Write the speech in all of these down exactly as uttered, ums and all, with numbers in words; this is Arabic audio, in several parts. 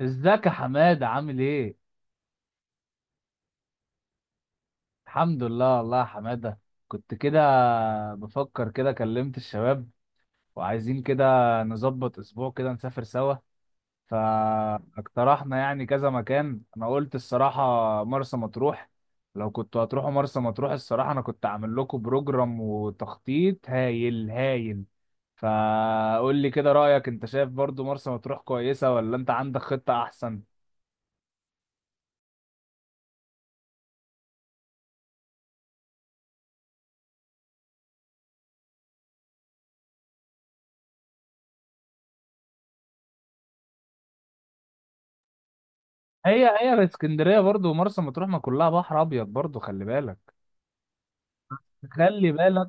ازيك يا حماده عامل ايه؟ الحمد لله والله يا حماده. كنت كده بفكر، كده كلمت الشباب وعايزين كده نظبط اسبوع كده نسافر سوا. فاقترحنا يعني كذا مكان، انا قلت الصراحه مرسى مطروح. لو كنتوا هتروحوا مرسى مطروح الصراحه انا كنت عامل لكم بروجرام وتخطيط هايل هايل. فقول لي كده رايك، انت شايف برضو مرسى مطروح كويسه ولا انت عندك خطه احسن؟ هي هي اسكندريه برضو ومرسى مطروح ما كلها بحر ابيض برضو، خلي بالك. خلي بالك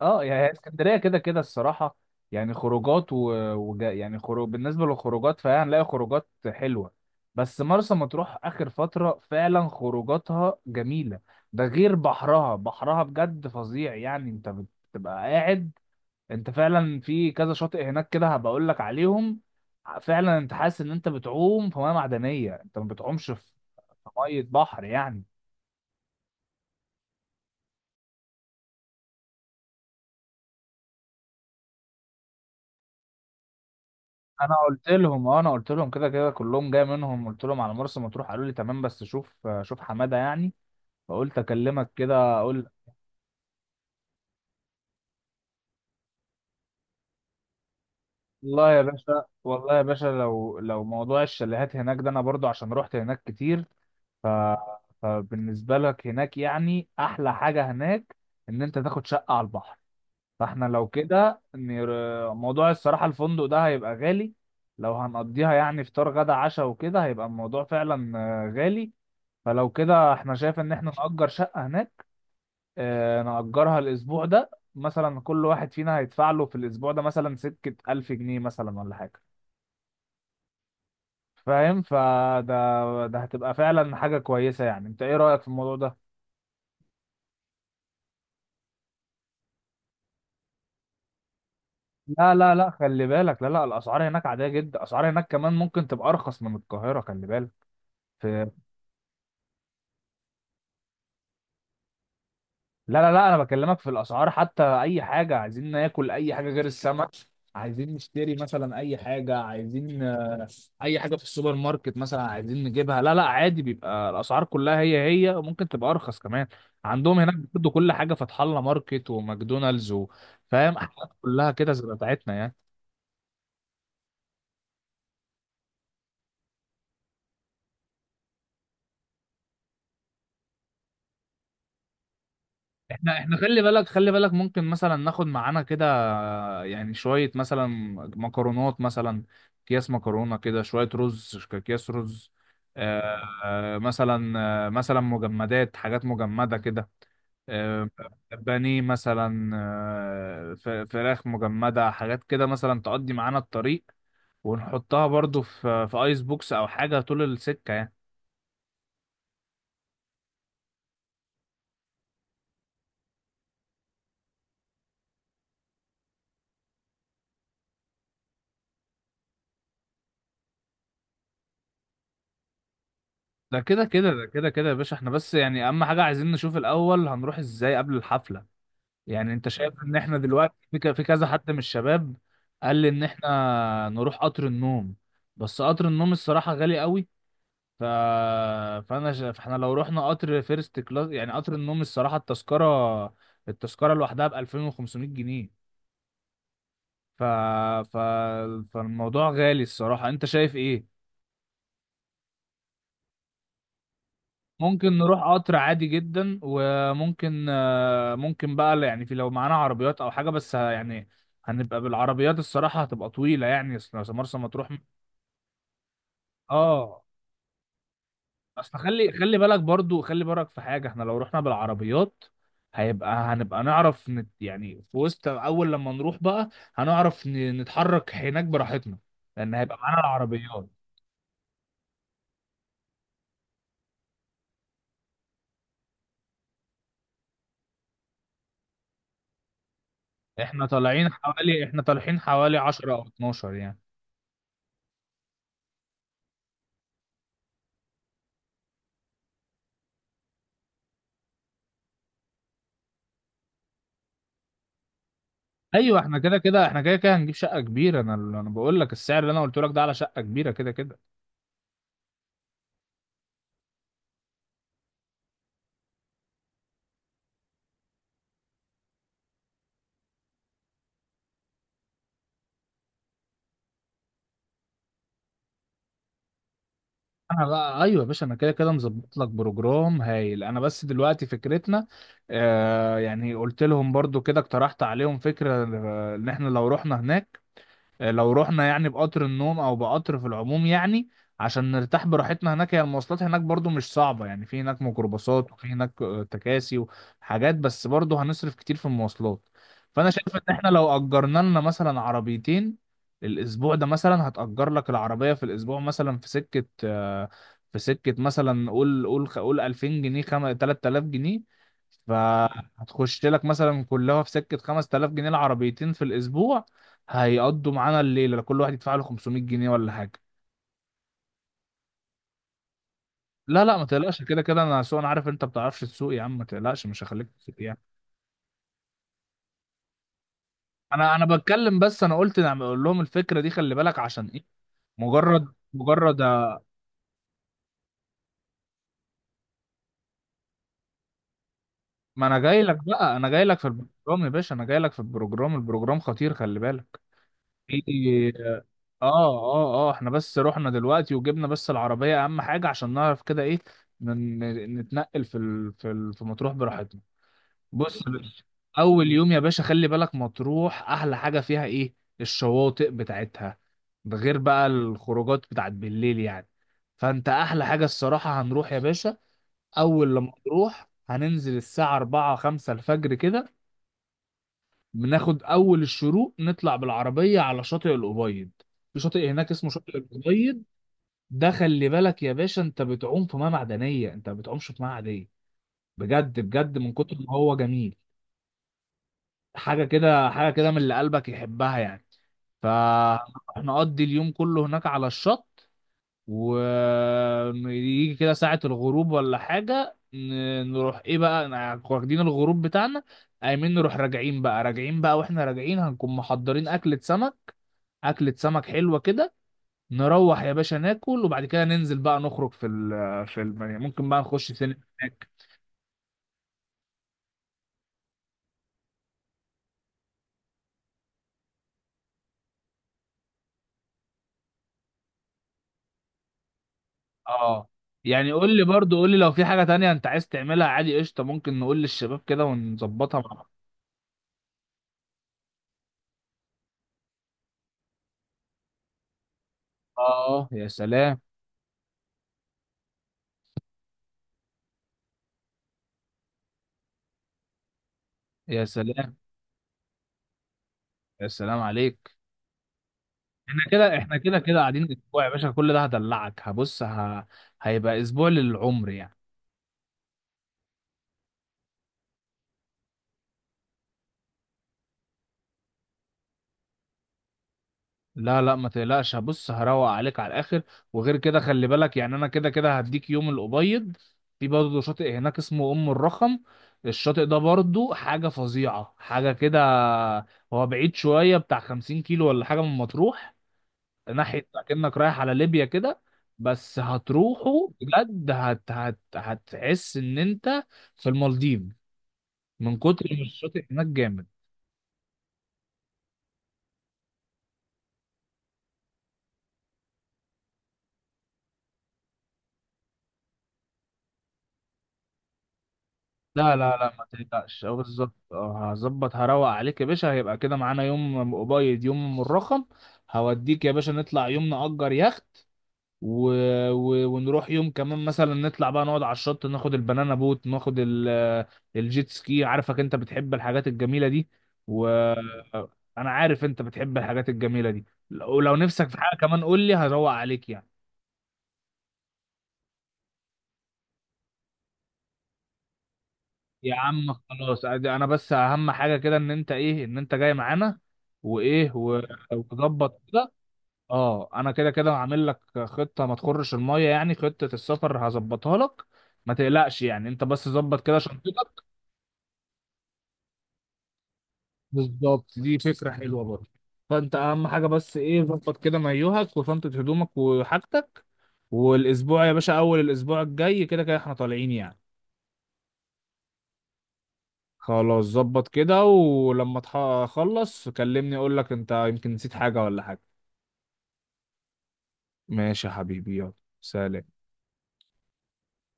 اه، يعني هي اسكندريه كده كده الصراحه. يعني خروجات و... وج... يعني خروج، بالنسبه للخروجات فهي هنلاقي خروجات حلوه، بس مرسى مطروح اخر فتره فعلا خروجاتها جميله. ده غير بحرها بحرها بجد فظيع. يعني انت بتبقى قاعد، انت فعلا في كذا شاطئ هناك، كده هبقول لك عليهم. فعلا انت حاسس ان انت بتعوم في ميه معدنيه، انت ما بتعومش في ميه بحر يعني. انا قلت لهم اه، انا قلت لهم كده كده كلهم جاي منهم، قلت لهم على مرسى مطروح، قالوا لي تمام بس شوف شوف حماده يعني، فقلت اكلمك كده اقول. والله يا باشا، والله يا باشا لو لو موضوع الشاليهات هناك ده انا برضو عشان رحت هناك كتير. ف فبالنسبه لك هناك يعني احلى حاجه هناك ان انت تاخد شقه على البحر. فاحنا لو كده نر- موضوع الصراحه الفندق ده هيبقى غالي. لو هنقضيها يعني فطار غدا عشاء وكده هيبقى الموضوع فعلا آه، غالي. فلو كده احنا شايف ان احنا نأجر شقة هناك. اه نأجرها الأسبوع ده مثلا، كل واحد فينا هيدفع له في الأسبوع ده مثلا سكة ألف جنيه مثلا ولا حاجة. فاهم؟ فده ده هتبقى فعلا حاجة كويسة. يعني انت ايه رأيك في الموضوع ده؟ لا لا لا، خلي بالك، لا لا، الأسعار هناك عادية جدا. الأسعار هناك كمان ممكن تبقى أرخص من القاهرة، خلي بالك. في... لا لا لا، أنا بكلمك في الأسعار، حتى أي حاجة عايزين ناكل، أي حاجة غير السمك، عايزين نشتري مثلا أي حاجة، عايزين اي حاجه في السوبر ماركت مثلا عايزين نجيبها، لا لا، عادي بيبقى الاسعار كلها هي هي، وممكن تبقى ارخص كمان. عندهم هناك برضه كل حاجه، فتح الله ماركت وماكدونالدز و- فاهم، حاجات كلها كده زي بتاعتنا يعني. احنا احنا خلي بالك، خلي بالك ممكن مثلا ناخد معانا كده يعني شوية مثلا مكرونات مثلا، اكياس مكرونة كده، شوية رز، اكياس رز، آه آه، مثلا. آه، مثلا مجمدات، حاجات مجمدة كده، آه، بانيه مثلا، آه، ف- فراخ مجمدة، حاجات كده مثلا تقضي معانا الطريق، ونحطها برضو في في ايس بوكس او حاجة طول السكة يعني. ده كده كده ده كده كده يا باشا، احنا بس يعني اهم حاجة عايزين نشوف الاول هنروح ازاي قبل الحفلة. يعني انت شايف ان احنا دلوقتي في ك- في كذا حد من الشباب قال لي ان احنا نروح قطر النوم، بس قطر النوم الصراحة غالي قوي. ف... فانا ش... فاحنا لو رحنا قطر فيرست كلاس يعني قطر النوم، الصراحة التذكرة، التذكرة لوحدها ب الفين وخمسمائة جنيه. ف... ف... فالموضوع غالي الصراحة، انت شايف ايه؟ ممكن نروح قطر عادي جدا، وممكن ممكن بقى يعني، في لو معانا عربيات او حاجه، بس ه- يعني هنبقى بالعربيات الصراحه، هتبقى طويله يعني، اصل أصل مرسى مطروح م- اه. اصل خلي خلي بالك برضو، خلي بالك في حاجه، احنا لو رحنا بالعربيات هيبقى هنبقى نعرف نت يعني في وسط، اول لما نروح بقى هنعرف ن- نتحرك هناك براحتنا، لان هيبقى معانا العربيات. احنا طالعين حوالي احنا طالعين حوالي عشرة او اتناشر يعني. ايوه احنا كده كده، احنا كده كده هنجيب شقه كبيره. انا انا بقول لك السعر اللي انا قلت لك ده على شقه كبيره كده كده. انا بقى ايوه يا باشا، انا كده كده مظبط لك بروجرام هايل، انا بس دلوقتي فكرتنا. آه يعني قلت لهم برضو كده، اقترحت عليهم فكره، آه، ان احنا لو رحنا هناك آه، لو رحنا يعني بقطر النوم او بقطر في العموم يعني، عشان نرتاح براحتنا هناك. هي المواصلات هناك برضو مش صعبة، يعني في هناك ميكروباصات وفي هناك آه، تكاسي وحاجات، بس برضو هنصرف كتير في المواصلات. فانا شايف ان احنا لو اجرنا لنا مثلا عربيتين الاسبوع ده مثلا، هتأجر لك العربية في الاسبوع مثلا في سكة، آه، في سكة مثلا قول، قول قول الفين جنيه، خم... ثلاثة آلاف جنيه. فهتخش لك مثلا كلها في سكة خمس تلاف جنيه العربيتين في الاسبوع. هيقضوا معانا الليله كل واحد يدفع له خمسمائة جنيه ولا حاجه. لا لا، ما تقلقش كده كده انا سوق، انا عارف انت ما بتعرفش تسوق يا عم، ما تقلقش مش هخليك تسوق يعني. انا انا بتكلم بس، انا قلت نعم اقول لهم الفكره دي، خلي بالك عشان ايه، مجرد مجرد آه، ما انا جاي لك بقى، انا جاي لك في البروجرام يا باشا، انا جاي لك في البروجرام، البروجرام خطير خلي بالك في. اه اه اه احنا بس رحنا دلوقتي وجبنا بس العربيه، اهم حاجه عشان نعرف كده ايه من نتنقل في ال... في ال... في مطروح براحتنا. بص يا باشا، اول يوم يا باشا خلي بالك، مطروح احلى حاجه فيها ايه؟ الشواطئ بتاعتها، ده غير بقى الخروجات بتاعت بالليل يعني. فانت احلى حاجه الصراحه هنروح يا باشا، اول لما نروح هننزل الساعه اربعه خمسه الفجر كده، بناخد اول الشروق، نطلع بالعربيه على شاطئ الابيض. في شاطئ هناك اسمه شاطئ الابيض، ده خلي بالك يا باشا، انت بتعوم في ميه معدنيه، انت ما بتعومش في ميه عاديه. بجد بجد من كتر ما هو جميل، حاجة كده، حاجة كده من اللي قلبك يحبها يعني. فنقضي اليوم كله هناك على الشط، ويجي كده ساعة الغروب ولا حاجة، ن- نروح ايه بقى، ن- واخدين الغروب بتاعنا. قايمين نروح راجعين بقى، راجعين بقى واحنا راجعين هنكون محضرين أكلة سمك، أكلة سمك حلوة كده. نروح يا باشا ناكل، وبعد كده ننزل بقى نخرج في ال في ال يعني ممكن بقى نخش سينما هناك. اه يعني قول لي برضو، قول لي لو في حاجة تانية انت عايز تعملها، عادي قشطة ممكن نقول للشباب كده ونظبطها مع بعض. اه يا سلام. يا سلام. يا سلام عليك. احنا كده، احنا كده كده قاعدين اسبوع يا باشا، كل ده هدلعك، هبص ه... هيبقى اسبوع للعمر يعني. لا لا، ما تقلقش، هبص هروق عليك على الاخر. وغير كده خلي بالك يعني، انا كده كده هديك يوم الابيض، في برضه شاطئ هناك اسمه ام الرخم، الشاطئ ده برضه حاجه فظيعه، حاجه كده. هو بعيد شويه، بتاع خمسين كيلو ولا حاجه من مطروح، ناحيه اكنك رايح على ليبيا كده. بس هتروحه بجد، هت هت هتحس ان انت في المالديف، من كتر ما الشاطئ هناك جامد. لا لا لا، ما تقلقش، اه بالظبط، اه هظبط هروق عليك يا باشا، هيبقى كده معانا يوم قبيض يوم مرخم. هوديك يا باشا نطلع يوم نأجر يخت، و... و... ونروح يوم كمان مثلا نطلع بقى نقعد على الشط، ناخد البنانا بوت، ناخد ال... الجيت سكي، عارفك انت بتحب الحاجات الجميلة دي و انا عارف انت بتحب الحاجات الجميلة دي. ولو نفسك في حاجة كمان قول لي، هروق عليك يعني. يا عم خلاص عادي، انا بس اهم حاجه كده ان انت ايه، ان انت جاي معانا وايه و- وتظبط كده. اه انا كده كده هعمل لك خطه ما تخرش الميه، يعني خطه السفر هظبطها لك، ما تقلقش يعني، انت بس ظبط كده شنطتك. بالظبط، دي فكره حلوه برضه. فانت اهم حاجه بس ايه، ظبط كده مايوهك وشنطه هدومك وحاجتك، والاسبوع يا باشا، اول الاسبوع الجاي كده كده احنا طالعين يعني. خلاص ظبط كده، ولما تخلص كلمني اقول لك انت يمكن نسيت حاجة ولا حاجة. ماشي يا حبيبي، يلا سلام.